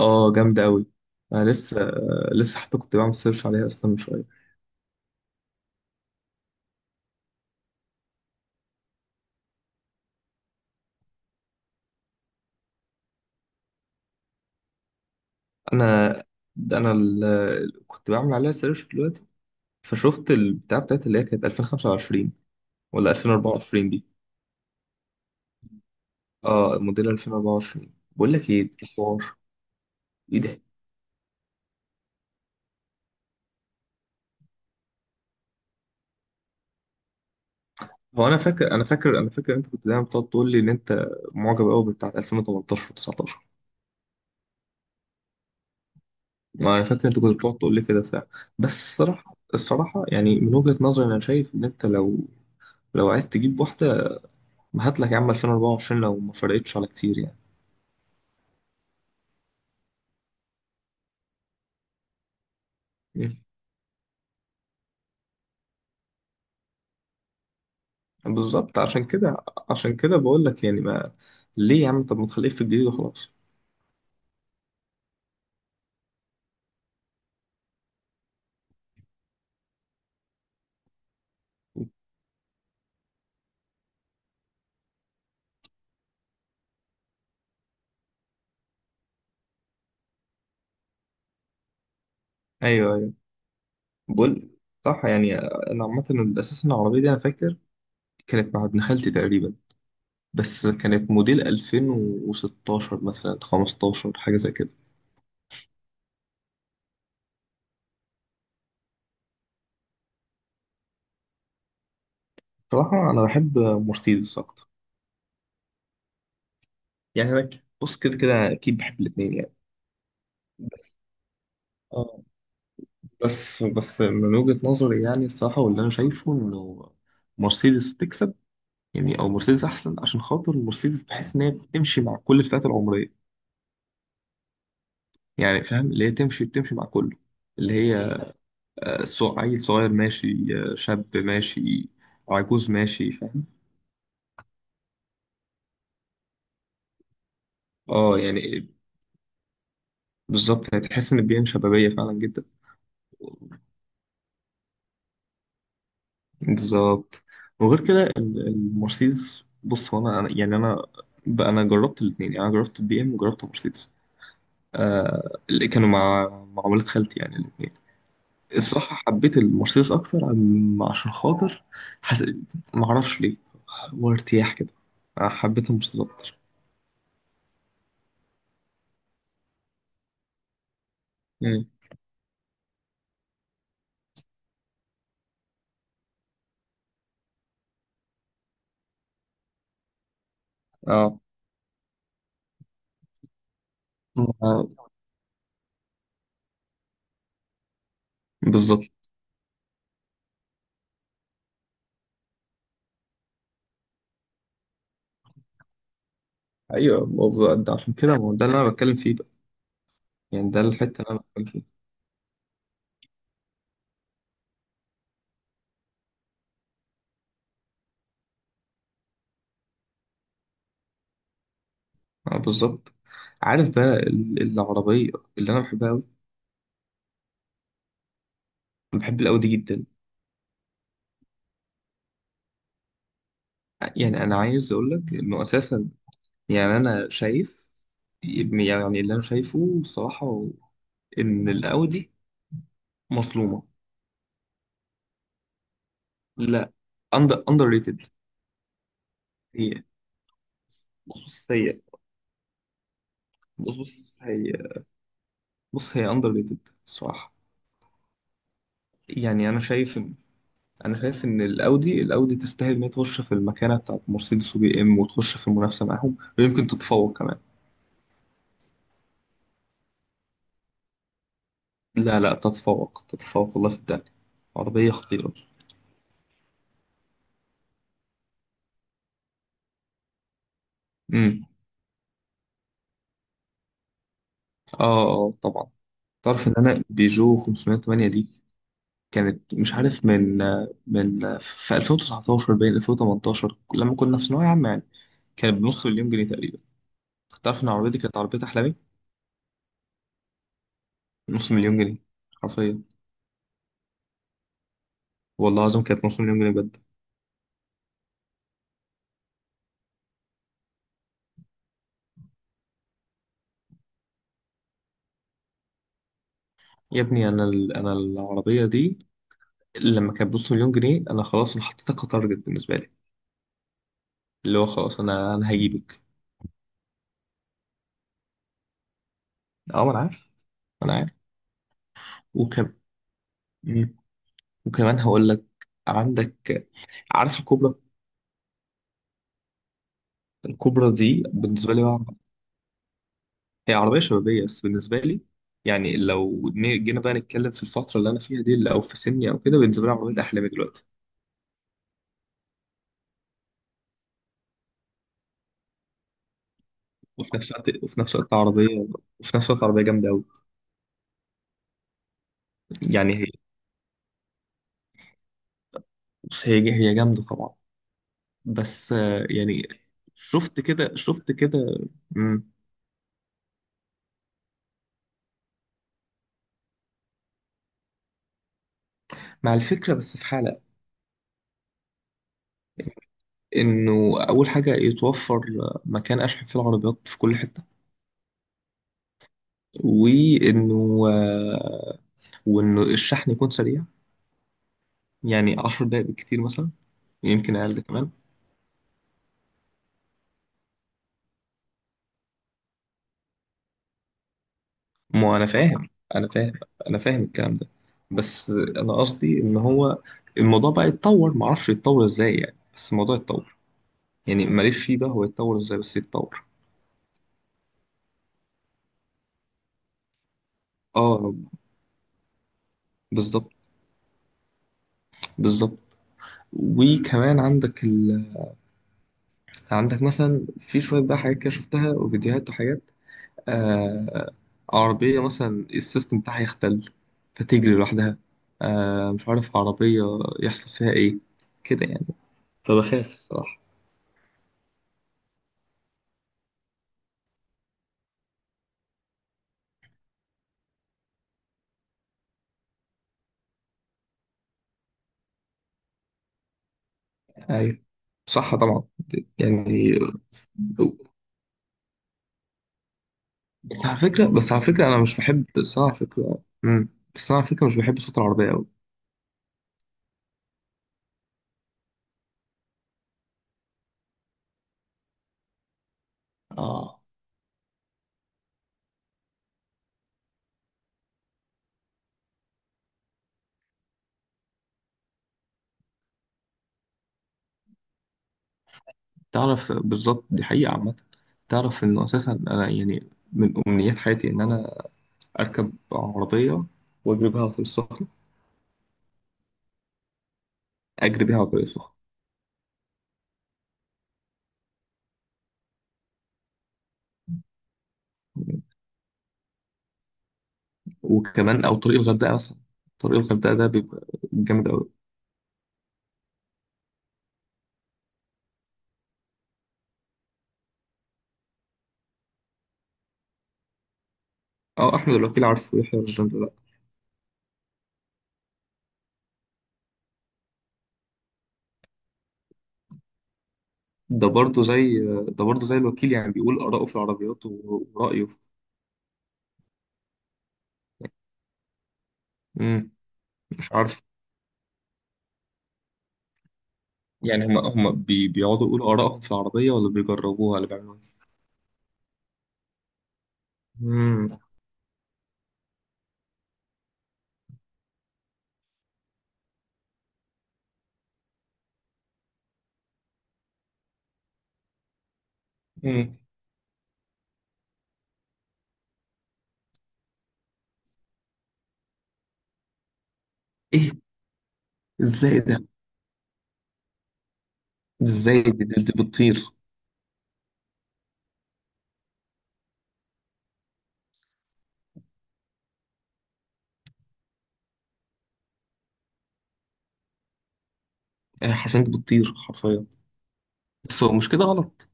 اه، جامدة أوي. أنا لسه حتى كنت بعمل سيرش عليها أصلا من شوية. أنا أنا ال... كنت بعمل عليها سيرش دلوقتي، فشفت البتاع بتاعت اللي هي كانت 2025 ولا 2024 دي. اه، موديل 2024. بقول لك إيه ده حوار، إيه ده. هو أنا فاكر أنت كنت دايما بتقعد تقول لي إن أنت معجب أوي بتاعت 2018 و19. ما أنا فاكر أنت كنت بتقعد تقول لي كده ساعة. بس الصراحة يعني من وجهة نظري أنا شايف إن أنت لو عايز تجيب واحدة، ما هات لك يا عم 2024 لو ما فرقتش على كتير يعني. مم. بالظبط، عشان كده بقول لك يعني ما، ليه يا عم؟ طب ما تخليك في الجديد وخلاص. ايوه ايوه، بقول صح يعني. انا عامه الاساس ان العربيه دي انا فاكر كانت مع ابن خالتي تقريبا، بس كانت موديل 2016 مثلا، 15، حاجه زي كده. صراحه انا بحب مرسيدس اكتر. يعني انا بص، كده كده اكيد بحب الاثنين يعني. بس اه، بس من وجهة نظري يعني، الصراحة واللي أنا شايفه إنه مرسيدس تكسب. يعني أو مرسيدس أحسن، عشان خاطر مرسيدس بحس إن هي بتمشي مع كل الفئات العمرية. يعني فاهم؟ اللي هي بتمشي مع كله. اللي هي آه، عيل صغير ماشي، آه، شاب ماشي، عجوز ماشي. فاهم؟ اه يعني، بالظبط، يعني تحس إن بيئة شبابية فعلا جدا. بالظبط. وغير كده ال- المرسيدس، بص، هو أنا بقى أنا جربت الاتنين. يعني أنا جربت البي إم وجربت مرسيدس، آه، اللي كانوا مع ولاد خالتي يعني الاثنين. الصراحة حبيت المرسيدس أكتر، عشان خاطر حس... معرفش ليه، هو ارتياح كده. آه، حبيت المرسيدس أكتر. مم. اه، آه، بالظبط. أيوه، ما هو ده عشان كده، ما هو ده اللي أنا بتكلم فيه بقى. يعني ده الحتة اللي أنا بتكلم فيها. اه بالظبط. عارف بقى ال- العربية اللي أنا بحبها أوي؟ بحب الأودي جدا. يعني أنا عايز أقول لك إنه أساسا، يعني أنا شايف، يعني اللي أنا شايفه الصراحة إن الأودي مظلومة. لا، أندر ريتد. هي بص بص هي بص بص هي بص هي أندر ريتد الصراحة. يعني أنا شايف إن الأودي، الأودي تستاهل إن هي تخش في المكانة بتاعت مرسيدس وبي إم وتخش في المنافسة معاهم، ويمكن تتفوق كمان. لا لا، تتفوق، تتفوق والله في الدنيا. عربية خطيرة. امم. آه آه طبعا. تعرف إن أنا بيجو 508 دي كانت، مش عارف، من في 2019 بين 2018 لما كنا في ثانوية عامة يعني، كانت بنص مليون جنيه تقريبا. تعرف ان العربية دي كانت عربية أحلامي. نص مليون جنيه. حرفيا، والله العظيم كانت نص مليون جنيه بجد. يا ابني انا العربية دي لما كانت بنص مليون جنيه، انا خلاص انا حطيتها كتارجت بالنسبة لي، اللي هو خلاص، انا هجيبك. اه، ما انا عارف. وكم. مم. وكمان هقول لك، عندك، عارف الكوبرا؟ الكوبرا دي بالنسبة لي بقى، هي عربية شبابية، بس بالنسبة لي يعني لو جينا بقى نتكلم في الفترة اللي أنا فيها دي أو في سني أو كده، بالنسبة لي عربية أحلامي دلوقتي. وفي نفس الوقت عربية، وفي نفس الوقت عربية جامدة أوي. يعني هي بص هي هي جامدة طبعا، بس آه، يعني، شفت كده. مم، مع الفكرة بس في حالة إنه أول حاجة يتوفر مكان أشحن فيه العربيات في كل حتة، وإنه آه، وإنه الشحن يكون سريع، يعني 10 دقايق بالكتير مثلا، يمكن أقل كمان. ما انا فاهم، انا فاهم انا فاهم الكلام ده، بس انا قصدي ان هو الموضوع بقى يتطور، ما اعرفش يتطور ازاي يعني، بس الموضوع يتطور. يعني ماليش فيه بقى هو يتطور ازاي، بس يتطور. اه بالظبط، بالظبط. وكمان عندك ال...، عندك مثلا في شويه بقى حاجات كده شفتها، وفيديوهات وحاجات، آه... عربيه مثلا السيستم بتاعها يختل فتجري لوحدها، آه... مش عارف عربيه يحصل فيها ايه كده يعني، فبخاف الصراحه. ايوه، صح طبعا. يعني بس على فكره بس على فكره انا مش بحب بس أنا على فكره، امم، بس أنا على فكره مش بحب صوت العربيه قوي. اه تعرف، بالظبط دي حقيقه عامه. تعرف انه اساسا انا يعني من امنيات حياتي ان انا اركب عربيه واجري بيها على طريق السخنه. اجري بيها على طريق السخنه، وكمان او طريق الغردقه مثلا. طريق الغردقه ده بيبقى جامد قوي. اه، احمد الوكيل. عارفه يحيى الرجال. ده برضه زي، الوكيل يعني، بيقول آراءه في العربيات و- ورأيه في-. مم. مش عارف. يعني بيقعدوا يقولوا آرائهم في العربية ولا بيجربوها ولا بيعملوا إيه؟ مم. مم. إيه؟ إزاي ده؟ إزاي دي, بتطير؟ آه، حرفيا دي بتطير حرفيا. بس هو مش كده غلط؟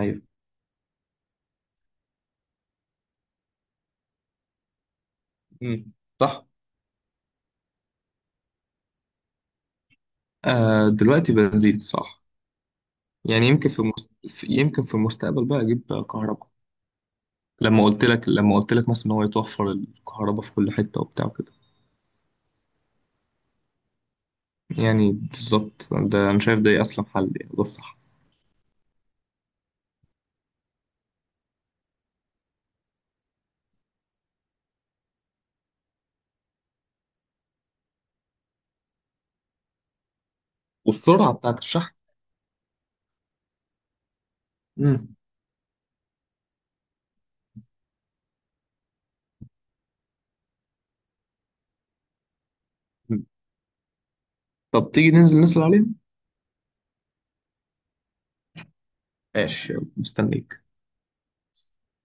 أيوه. مم. صح. آه دلوقتي بنزين، صح. يعني يمكن في, مست... في يمكن في المستقبل بقى أجيب كهرباء. لما قلت لك مثلا إن هو يتوفر الكهرباء في كل حتة وبتاع وكده. يعني بالظبط، ده انا شايف ده اصلا حل، يعني ده صح. والسرعه بتاعت الشحن. مم. طب تيجي ننزل نسأل عليهم؟ ماشي، يلا مستنيك.